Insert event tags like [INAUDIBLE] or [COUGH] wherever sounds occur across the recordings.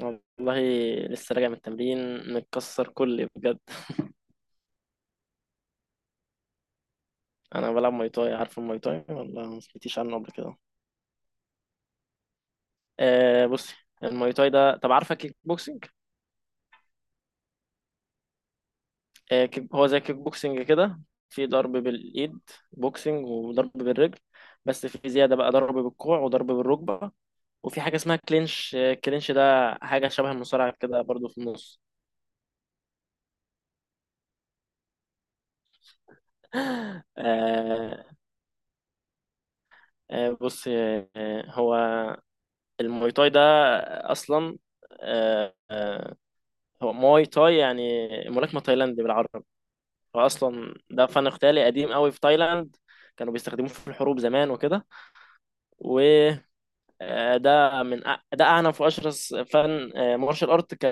والله، لسه راجع من التمرين، متكسر كلي بجد. انا بلعب ماي تاي. عارف الماي تاي ولا ما سمعتيش عنه قبل كده؟ آه بصي، الماي تاي ده، طب عارفه كيك بوكسينج؟ آه كيك... هو زي كيك بوكسينج كده. في ضرب بالايد، بوكسينج، وضرب بالرجل، بس في زياده بقى ضرب بالكوع وضرب بالركبه. وفي حاجه اسمها كلينش، آه، كلينش ده حاجه شبه المصارعه كده برضو في النص. [LAUGHS] آه بص هو الماي تاي ده اصلا، آه آه، هو موي تاي، يعني ملاكمة تايلاندي بالعربي. فأصلا ده فن قتالي قديم قوي في تايلاند، كانوا بيستخدموه في الحروب زمان وكده. وده ده أعنف وأشرس فن، مارشال أرت،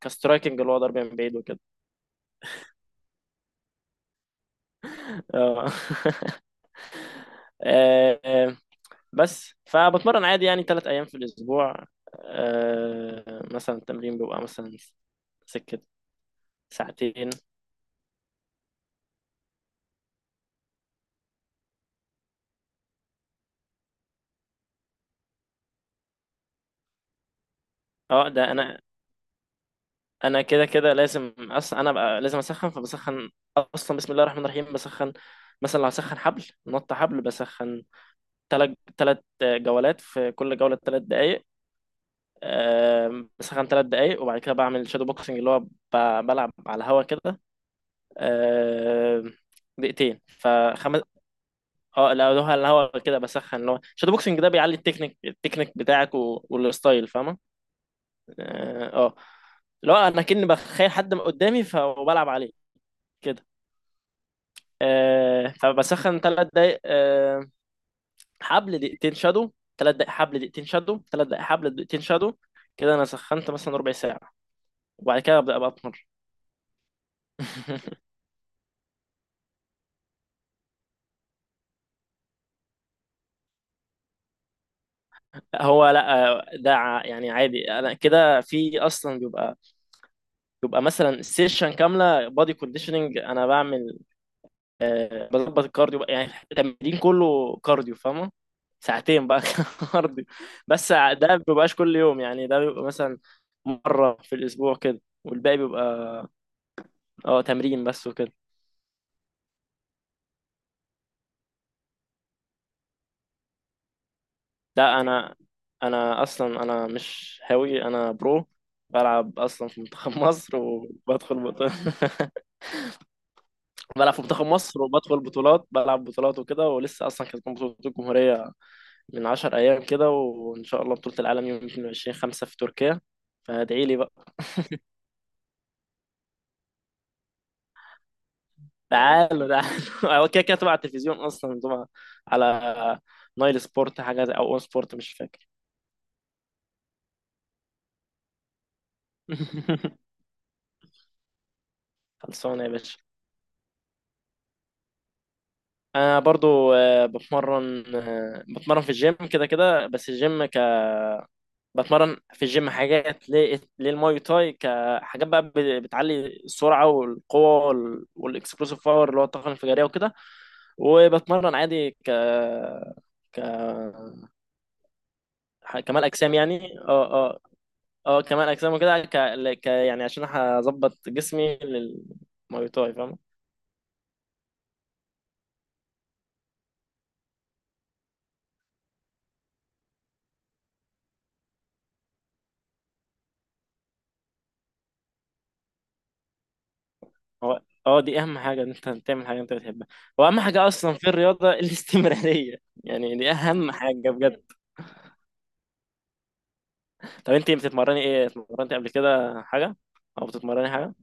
كسترايكنج، اللي هو ضرب من بعيد وكده. آه. [LAUGHS] آه، آه، بس فبتمرن عادي يعني ثلاث أيام في الأسبوع. مثلا التمرين بيبقى مثلا سكة ساعتين. اه ده انا كده كده لازم، اصلا انا بقى لازم اسخن، فبسخن. اصلا بسم الله الرحمن الرحيم، بسخن. مثلا لو هسخن حبل، نط حبل، بسخن تلات جولات، في كل جولة تلات دقايق. بسخن تلات دقايق، وبعد كده بعمل شادو بوكسنج، اللي هو بلعب على الهوا كده. آم، دقيقتين فخمس. اه لا، هو على الهوا كده، بسخن، اللي هو شادو بوكسنج ده بيعلي التكنيك، التكنيك بتاعك والستايل، فاهمة؟ اه. اللي هو انا كني بخيل حد قدامي، فبلعب عليه كده. آه، فبسخن ثلاث دقايق، آه، حبل دقيقتين شادو، ثلاث دقايق حبل دقيقتين شادو، ثلاث دقايق حبل دقيقتين شادو. كده انا سخنت مثلا ربع ساعة، وبعد كده ابدا ابقى اطمر. [LAUGHS] هو لا، آه، ده يعني عادي. انا كده في اصلا بيبقى مثلا سيشن كامله بادي كونديشننج انا بعمل، آه، بظبط الكارديو بقى، يعني التمرين كله كارديو، فاهمه؟ ساعتين بقى [LAUGHS] كارديو. بس ده ما بيبقاش كل يوم، يعني ده بيبقى مثلا مره في الاسبوع كده، والباقي بيبقى اه تمرين بس وكده. لا انا، انا اصلا انا مش هاوي، انا برو. بلعب اصلا في منتخب [LAUGHS] مصر، وبدخل بطولة. [LAUGHS] بلعب في منتخب مصر وبدخل بطولات، بلعب بطولات وكده. ولسه اصلا كانت بطولة الجمهورية من 10 ايام كده، وان شاء الله بطولة العالم يوم 22 5 في تركيا، فادعي لي بقى. تعالوا تعالوا [LAUGHS] هو كده كده تبع التلفزيون، اصلا تبع، على نايل سبورت، او اون سبورت، مش فاكر. [LAUGHS] خلصانة يا باشا. انا برضو، بتمرن، بتمرن في الجيم كده كده. بس الجيم بتمرن في الجيم حاجات للماي تاي، كحاجات بقى بتعلي السرعه والقوه والاكسبلوسيف باور، اللي هو الطاقه الانفجاريه وكده. وبتمرن عادي ك كمال اجسام، يعني اه، اه اه كمال اجسام وكده، يعني عشان هظبط جسمي للماي تاي، فاهم؟ هو اه دي اهم حاجه، ان انت تعمل حاجه انت بتحبها. هو اهم حاجه اصلا في الرياضه [LAUGHS] الاستمراريه، يعني دي اهم حاجه بجد. طب انت بتتمرني ايه؟ اتمرنتي قبل كده حاجه او بتتمرني حاجه؟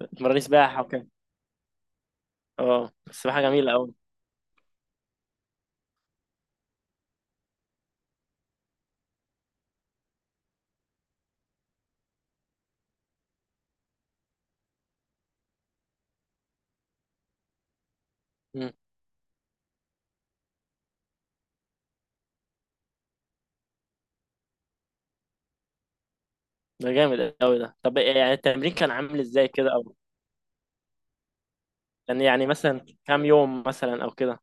بتتمرني سباحه، اوكي. اه السباحه جميله قوي. مم. ده جامد قوي ده. طب إيه يعني التمرين كان عامل ازاي كده او كان يعني مثلا كام يوم مثلا او كده؟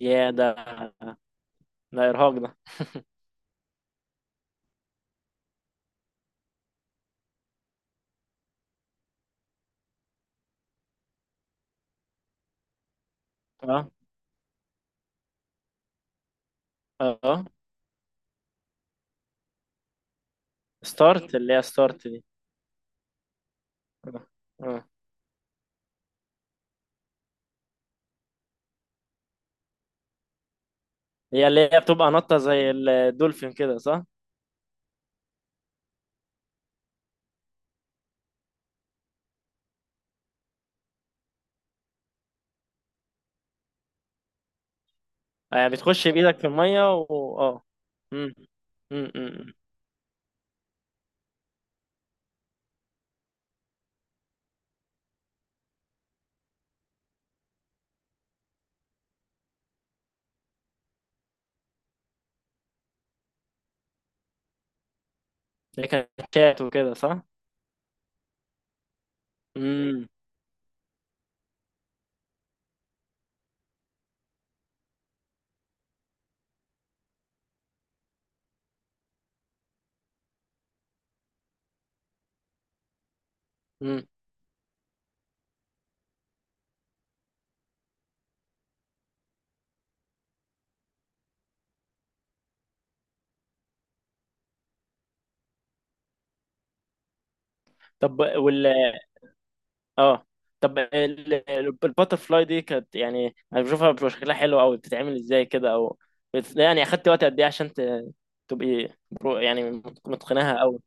يا ده، ده ارهاق ده. اه اه ستارت، اللي هي ستارت دي. اه. آه. هي اللي هي بتبقى نطه زي الدولفين كده صح؟ آه، بتخش بإيدك في المية و اه. مم. مم، مم، مم. ده كان شات وكده صح؟ مم. مم. طب وال اه طب الباتر فلاي دي كانت، يعني انا بشوفها بيبقى شكلها حلو قوي، بتتعمل ازاي كده او يعني اخدت وقت قد ايه عشان تبقي برو يعني، متقناها قوي؟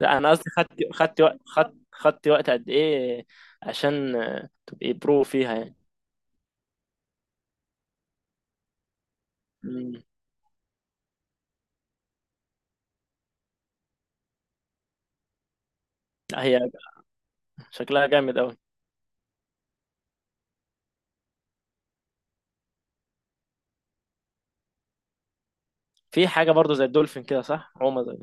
لا انا قصدي، خدت وقت قد ايه عشان تبقي برو فيها يعني؟ مم. لا، هي شكلها جامد قوي. في حاجة برضو زي الدولفين كده صح؟ عومة زي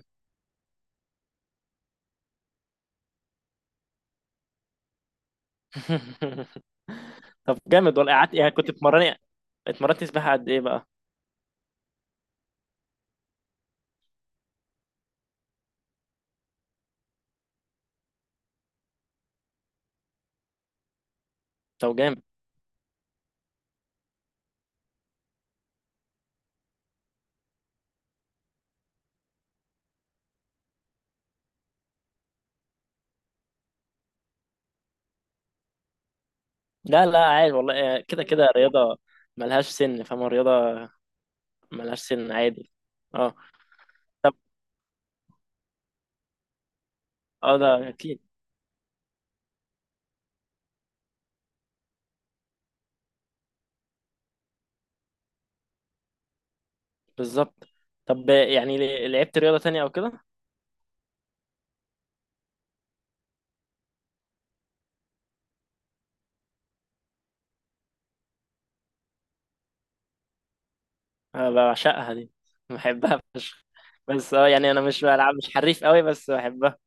[LAUGHS] طب جامد والله. قعدت يعني كنت بتمرني، اتمرنت سباحة قد ايه بقى؟ طب جامد. لا لا، عادي والله، يعني كده كده رياضة ملهاش سن، فاهم؟ الرياضة ملهاش سن، عادي. اه. طب اه، ده اكيد. بالظبط. طب يعني لعبت رياضة تانية او كده؟ أنا بعشقها دي، بحبها فشخ. بس اه، يعني انا مش بلعب، مش حريف قوي، بس بحبها.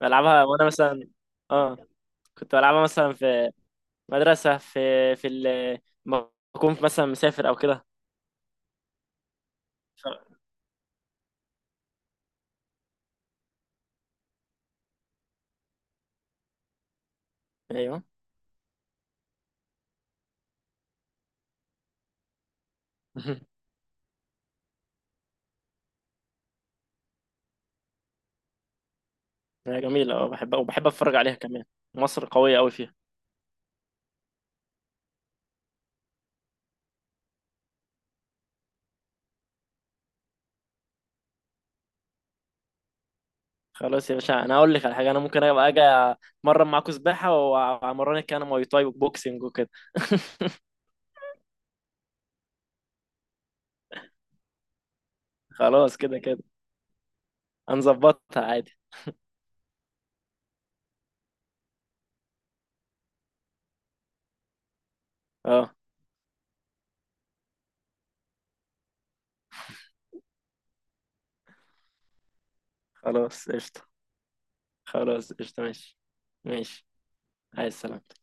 بلعبها، وانا مثلا اه كنت بلعبها مثلا في مدرسة، في ال- ما أكون مثلا مسافر أو كده. ف- أيوه. [LAUGHS] هي جميلة أه، بحبها وبحب أتفرج عليها كمان. مصر قوية أوي فيها. خلاص يا باشا، أنا هقول لك على حاجة. أنا ممكن أبقى أجي أمرن معاكوا سباحة وأمرنك أنا مواي تاي وبوكسنج وكده. [LAUGHS] خلاص كده كده هنظبطها عادي. أه خلاص قشطة. خلاص قشطة، ماشي. ماشي. عايز سلام.